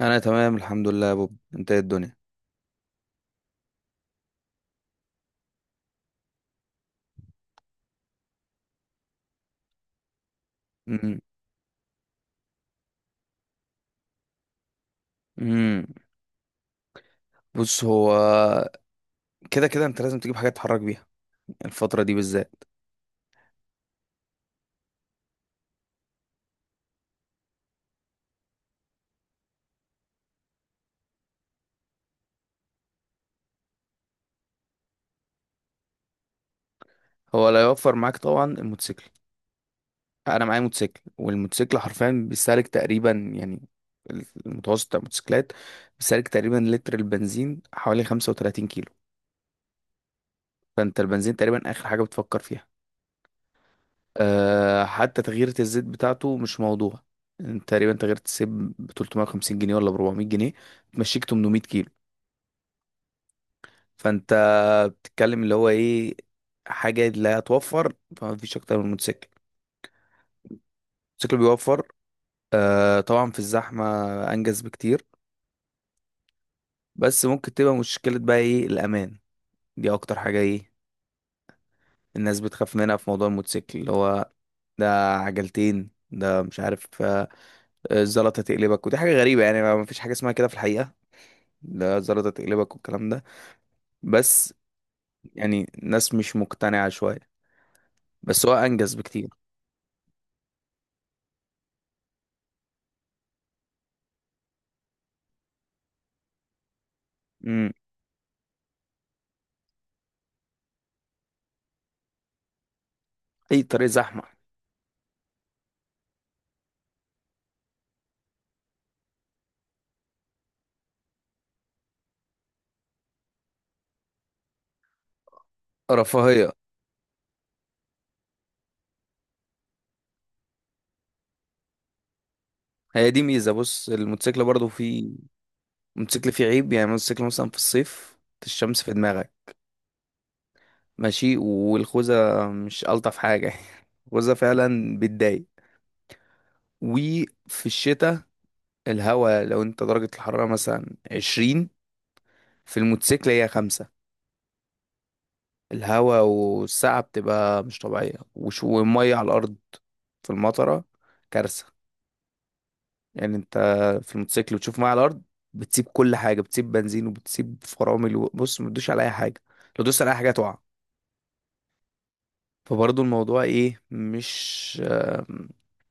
انا تمام، الحمد لله يا بوب. انت ايه الدنيا؟ امم. امم. بص، هو كده كده انت لازم تجيب حاجه تتحرك بيها، الفتره دي بالذات. هو لا يوفر معاك طبعا، الموتوسيكل. انا معايا موتوسيكل، والموتوسيكل حرفيا بيستهلك تقريبا، يعني المتوسط بتاع الموتوسيكلات بيستهلك تقريبا لتر البنزين حوالي 35 كيلو. فانت البنزين تقريبا اخر حاجه بتفكر فيها. أه، حتى تغيير الزيت بتاعته مش موضوع. انت تقريبا تغيير الزيت ب 350 جنيه ولا ب 400 جنيه تمشيك 800 كيلو. فانت بتتكلم اللي هو ايه، حاجة لا توفر، فما فيش اكتر من الموتوسيكل. الموتوسيكل بيوفر، آه طبعا في الزحمة، انجز بكتير. بس ممكن تبقى مشكلة بقى، ايه؟ الامان. دي اكتر حاجة ايه الناس بتخاف منها في موضوع الموتوسيكل، اللي هو ده عجلتين، ده مش عارف، الزلطة تقلبك، ودي حاجة غريبة، يعني ما فيش حاجة اسمها كده في الحقيقة، ده الزلطة تقلبك والكلام ده، بس. يعني الناس مش مقتنعة شوية، بس هو انجز بكتير. امم. اي طريق زحمة. رفاهية. هي دي ميزة، بص، الموتوسيكل برضو فيه. الموتوسيكل فيه عيب، يعني الموتوسيكل مثلا في الصيف الشمس في دماغك، ماشي، والخوذة مش ألطف حاجة الخوذة فعلا بتضايق. وفي الشتاء الهوا، لو انت درجة الحرارة مثلا عشرين، في الموتوسيكل هي خمسة. الهوا والسقعة بتبقى مش طبيعية، والمية على الأرض في المطرة كارثة. يعني انت في الموتوسيكل وتشوف معاه على الارض، بتسيب كل حاجه، بتسيب بنزين، وبتسيب فرامل، وبص ما تدوش على اي حاجه، لو دوست على اي حاجه هتقع. فبرضه الموضوع ايه، مش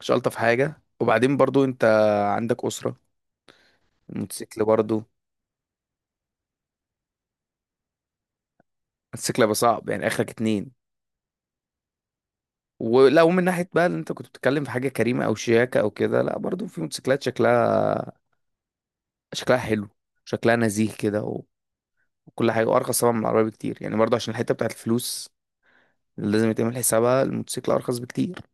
مش الطف حاجه. وبعدين برضه انت عندك اسره، الموتوسيكل برضه، الموتوسيكل هيبقى صعب، يعني اخرك اتنين. ولو من ناحيه بقى اللي انت كنت بتتكلم في حاجه كريمه او شياكه او كده، لا، برضه في موتوسيكلات شكلها، شكلها حلو، شكلها نزيه كده وكل حاجه، وارخص طبعا من العربيه بكتير، يعني برضه عشان الحته بتاعت الفلوس لازم يتعمل حسابها، الموتوسيكل ارخص بكتير.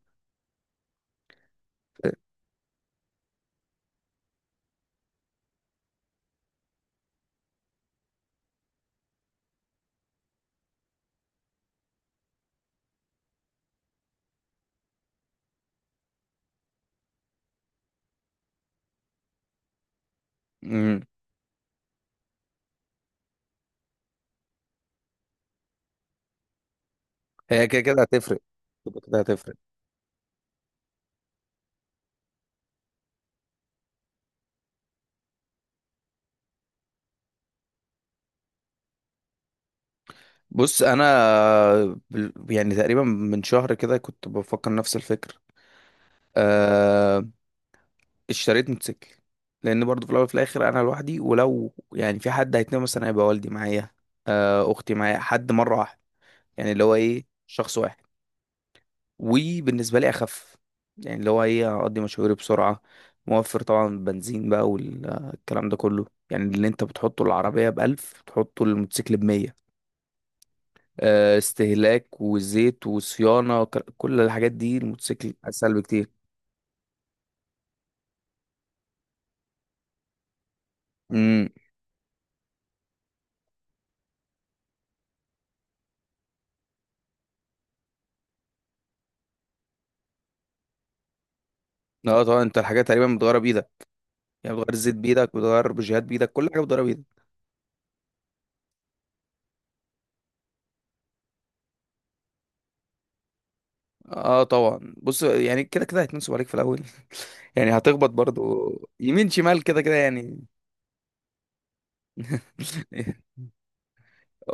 امم. هي كده كده هتفرق. كده كده هتفرق. بص انا، يعني تقريبا من شهر كده كنت بفكر نفس الفكر. أه، اشتريت موتوسيكل، لان برضو في الاول وفي الاخر انا لوحدي، ولو يعني في حد هيتنقل مثلا هيبقى والدي معايا، أه اختي معايا، حد مره واحده، يعني اللي هو ايه، شخص واحد. وبالنسبة لي أخف، يعني اللي هو إيه، هقضي مشاويري بسرعة، موفر طبعا بنزين بقى والكلام ده كله. يعني اللي أنت بتحطه العربية بألف بتحطه الموتوسيكل بمية، استهلاك وزيت وصيانة كل الحاجات دي الموتوسيكل أسهل بكتير. امم. اه طبعا انت الحاجات تقريبا بتغيرها بايدك، يعني بتغير الزيت بايدك، بتغير بوجيهات بايدك، كل حاجه بتغيرها بايدك. اه طبعا، بص، يعني كده كده هيتنصب عليك في الاول يعني هتخبط برضو يمين شمال كده كده يعني.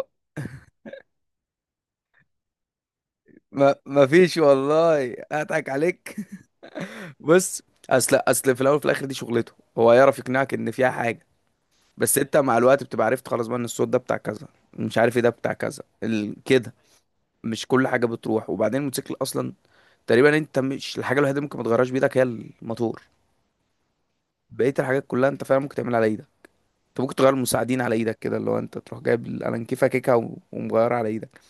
ما فيش والله اضحك عليك. بص، اصل في الاول وفي الاخر دي شغلته، هو يعرف يقنعك ان فيها حاجه. بس انت مع الوقت بتبقى عرفت خلاص بقى ان الصوت ده بتاع كذا، مش عارف ايه، ده بتاع كذا كده، مش كل حاجه بتروح. وبعدين الموتوسيكل اصلا تقريبا، انت مش الحاجه الوحيده اللي ممكن ما تغيرهاش بايدك هي الموتور، بقيه الحاجات كلها انت فعلا ممكن تعملها على ايدك. انت ممكن تغير المساعدين على ايدك كده، اللي هو انت تروح جايب الانكيفه كيكه ومغيرها على ايدك.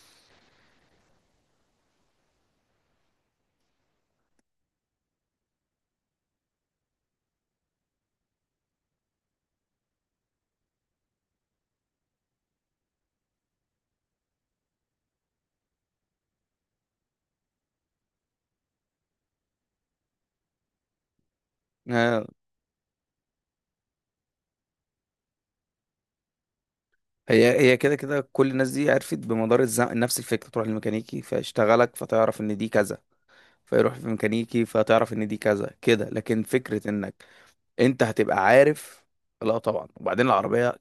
آه. هي كده كده، كل الناس دي عرفت بمدار الزمن نفس الفكره، تروح للميكانيكي فيشتغلك فتعرف ان دي كذا، فيروح في ميكانيكي فتعرف ان دي كذا كده، لكن فكره انك انت هتبقى عارف. لا طبعا، وبعدين العربيه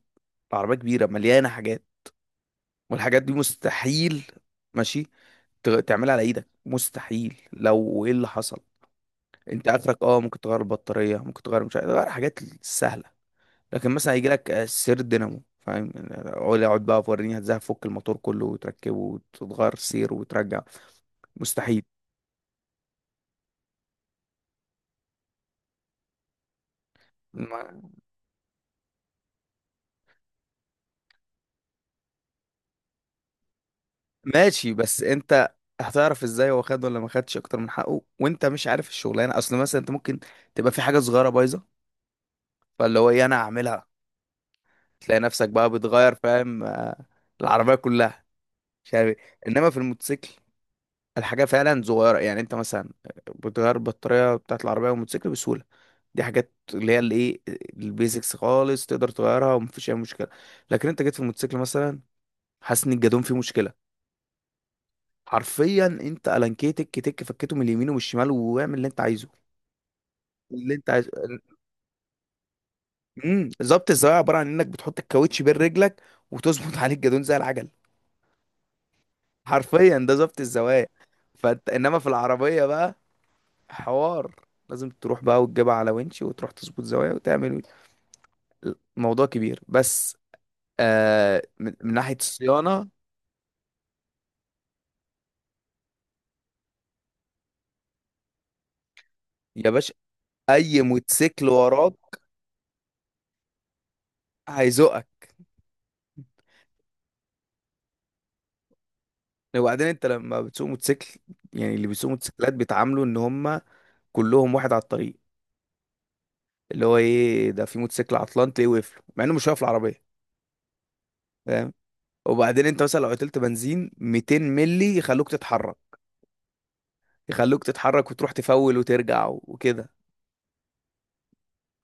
العربيه كبيره مليانه حاجات، والحاجات دي مستحيل، ماشي، تعملها على ايدك مستحيل لو ايه اللي حصل. انت اخرك اه ممكن تغير البطاريه، ممكن تغير مش عارف، تغير حاجات سهله. لكن مثلا هيجي لك سير دينامو، فاهم يعني؟ اقعد بقى وريني هتزاي هفك الموتور كله وتركبه وتتغير سير وترجع، مستحيل. ما- ماشي، بس انت هتعرف ازاي هو خد ولا ما خدش اكتر من حقه؟ وانت مش عارف الشغلانه، اصل مثلا انت ممكن تبقى في حاجه صغيره بايظه، فاللي هو ايه، انا هعملها، تلاقي نفسك بقى بتغير، فاهم العربيه كلها، مش عارف إيه. انما في الموتوسيكل الحاجة فعلا صغيرة، يعني انت مثلا بتغير البطارية بتاعت العربية والموتوسيكل بسهولة، دي حاجات اللي هي الايه، البيزكس خالص تقدر تغيرها ومفيش اي مشكلة. لكن انت جيت في الموتوسيكل مثلا، حاسس ان الجادون فيه مشكلة، حرفيا انت الانكيه تك تك فكته من اليمين والشمال واعمل اللي انت عايزه، اللي انت عايزه. ظبط الزوايا عبارة عن انك بتحط الكاوتش بين رجلك وتظبط عليه الجادون زي العجل، حرفيا ده ظبط الزوايا. فانت انما في العربية بقى حوار، لازم تروح بقى وتجيبها على winch وتروح تظبط زوايا وتعمل موضوع كبير، بس من ناحية الصيانة. يا باشا، أي موتوسيكل وراك هيزقك. وبعدين أنت لما بتسوق موتوسيكل، يعني اللي بيسوقوا موتوسيكلات بيتعاملوا إن هم كلهم واحد على الطريق، اللي هو إيه، ده في موتوسيكل عطلان تلاقيه واقف له مع إنه مش واقف العربية، فاهم؟ وبعدين أنت مثلا لو قتلت بنزين 200 ملي يخلوك تتحرك، يخلوك تتحرك وتروح تفول وترجع وكده،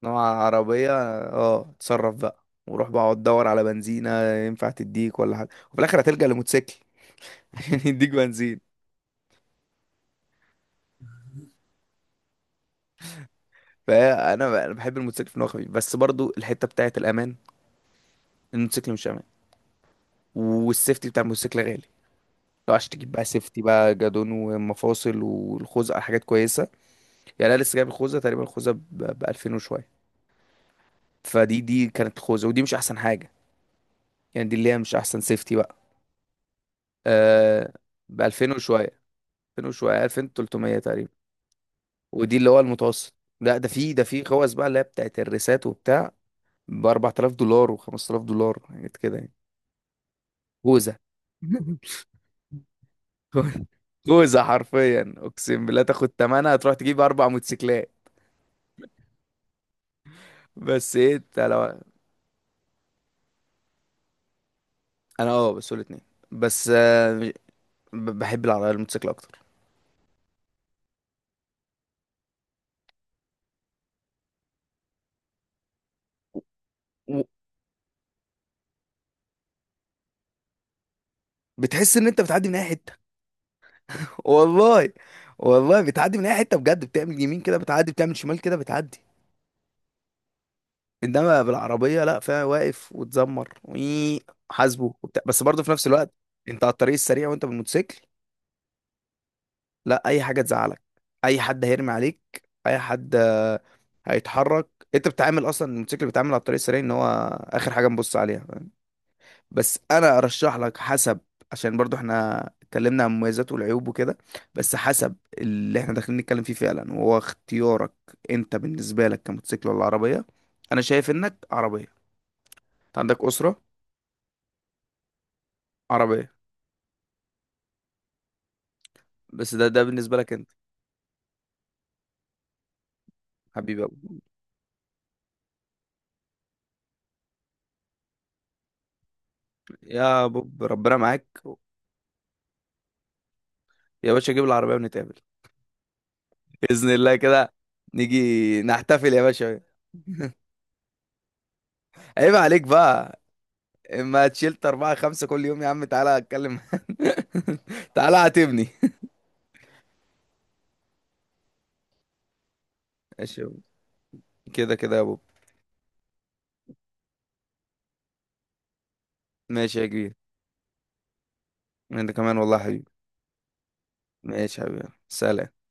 نوع عربية. اه، اتصرف بقى وروح بقى اقعد تدور على بنزينة، ينفع تديك ولا حاجة، وفي الآخر هتلجأ لموتوسيكل عشان يديك بنزين. فأنا بحب الموتوسيكل في إن هو خفيف، بس برضو الحتة بتاعة الأمان، الموتوسيكل مش أمان، والسيفتي بتاع الموتوسيكل غالي. لو عشان تجيب بقى سيفتي بقى، جادون ومفاصل والخوذة، حاجات كويسة. يعني أنا لسه جايب الخوذة تقريبا، الخوذة ب 2000 وشوية. فدي كانت الخوذة، ودي مش أحسن حاجة، يعني دي اللي هي مش أحسن سيفتي بقى. أه ب 2000 وشوية، 2000 وشوية 2300 تقريبا. ودي اللي هو المتوسط. لا، ده في خوذ بقى اللي هي بتاعت الريسات وبتاع، ب 4000 دولار و5000 دولار، حاجات كده يعني. خوذه خوذه حرفيا، اقسم بالله، تاخد تمنها تروح تجيب اربع موتوسيكلات. بس ايه، انت لو... انا اه بسوق الاتنين، بس بحب العربيه الموتوسيكل اكتر. و- بتحس ان انت بتعدي من اي حته. والله والله بتعدي من اي حته بجد، بتعمل يمين كده بتعدي، بتعمل شمال كده بتعدي. انما بالعربيه لا، فيها واقف وتزمر حاسبه وبتاع، بس برضه في نفس الوقت انت على الطريق السريع وانت بالموتوسيكل، لا، اي حاجه تزعلك، اي حد هيرمي عليك، اي حد هيتحرك. انت بتتعامل اصلا، الموتوسيكل بيتعامل على الطريق السريع ان هو اخر حاجه نبص عليها، فاهم؟ بس انا ارشح لك، حسب، عشان برضه احنا اتكلمنا عن مميزاته والعيوب وكده، بس حسب اللي احنا داخلين نتكلم فيه فعلا، وهو اختيارك انت. بالنسبه لك كموتوسيكل ولا عربيه، انا شايف انك عربيه، انت عندك اسره، عربية. بس ده بالنسبة لك انت. حبيبي ابو. يا بوب، ربنا معاك. يا باشا جيب العربية ونتقابل، بإذن الله كده، نيجي نحتفل يا باشا. عيب عليك بقى، اما تشيلت أربعة خمسة كل يوم يا عم تعالى اتكلم. تعالى عاتبني. ماشي يا بوب. كده كده يا بوب. ماشي يا كبير. انت كمان والله يا حبيبي. ماشي يا حبيبي، سلام.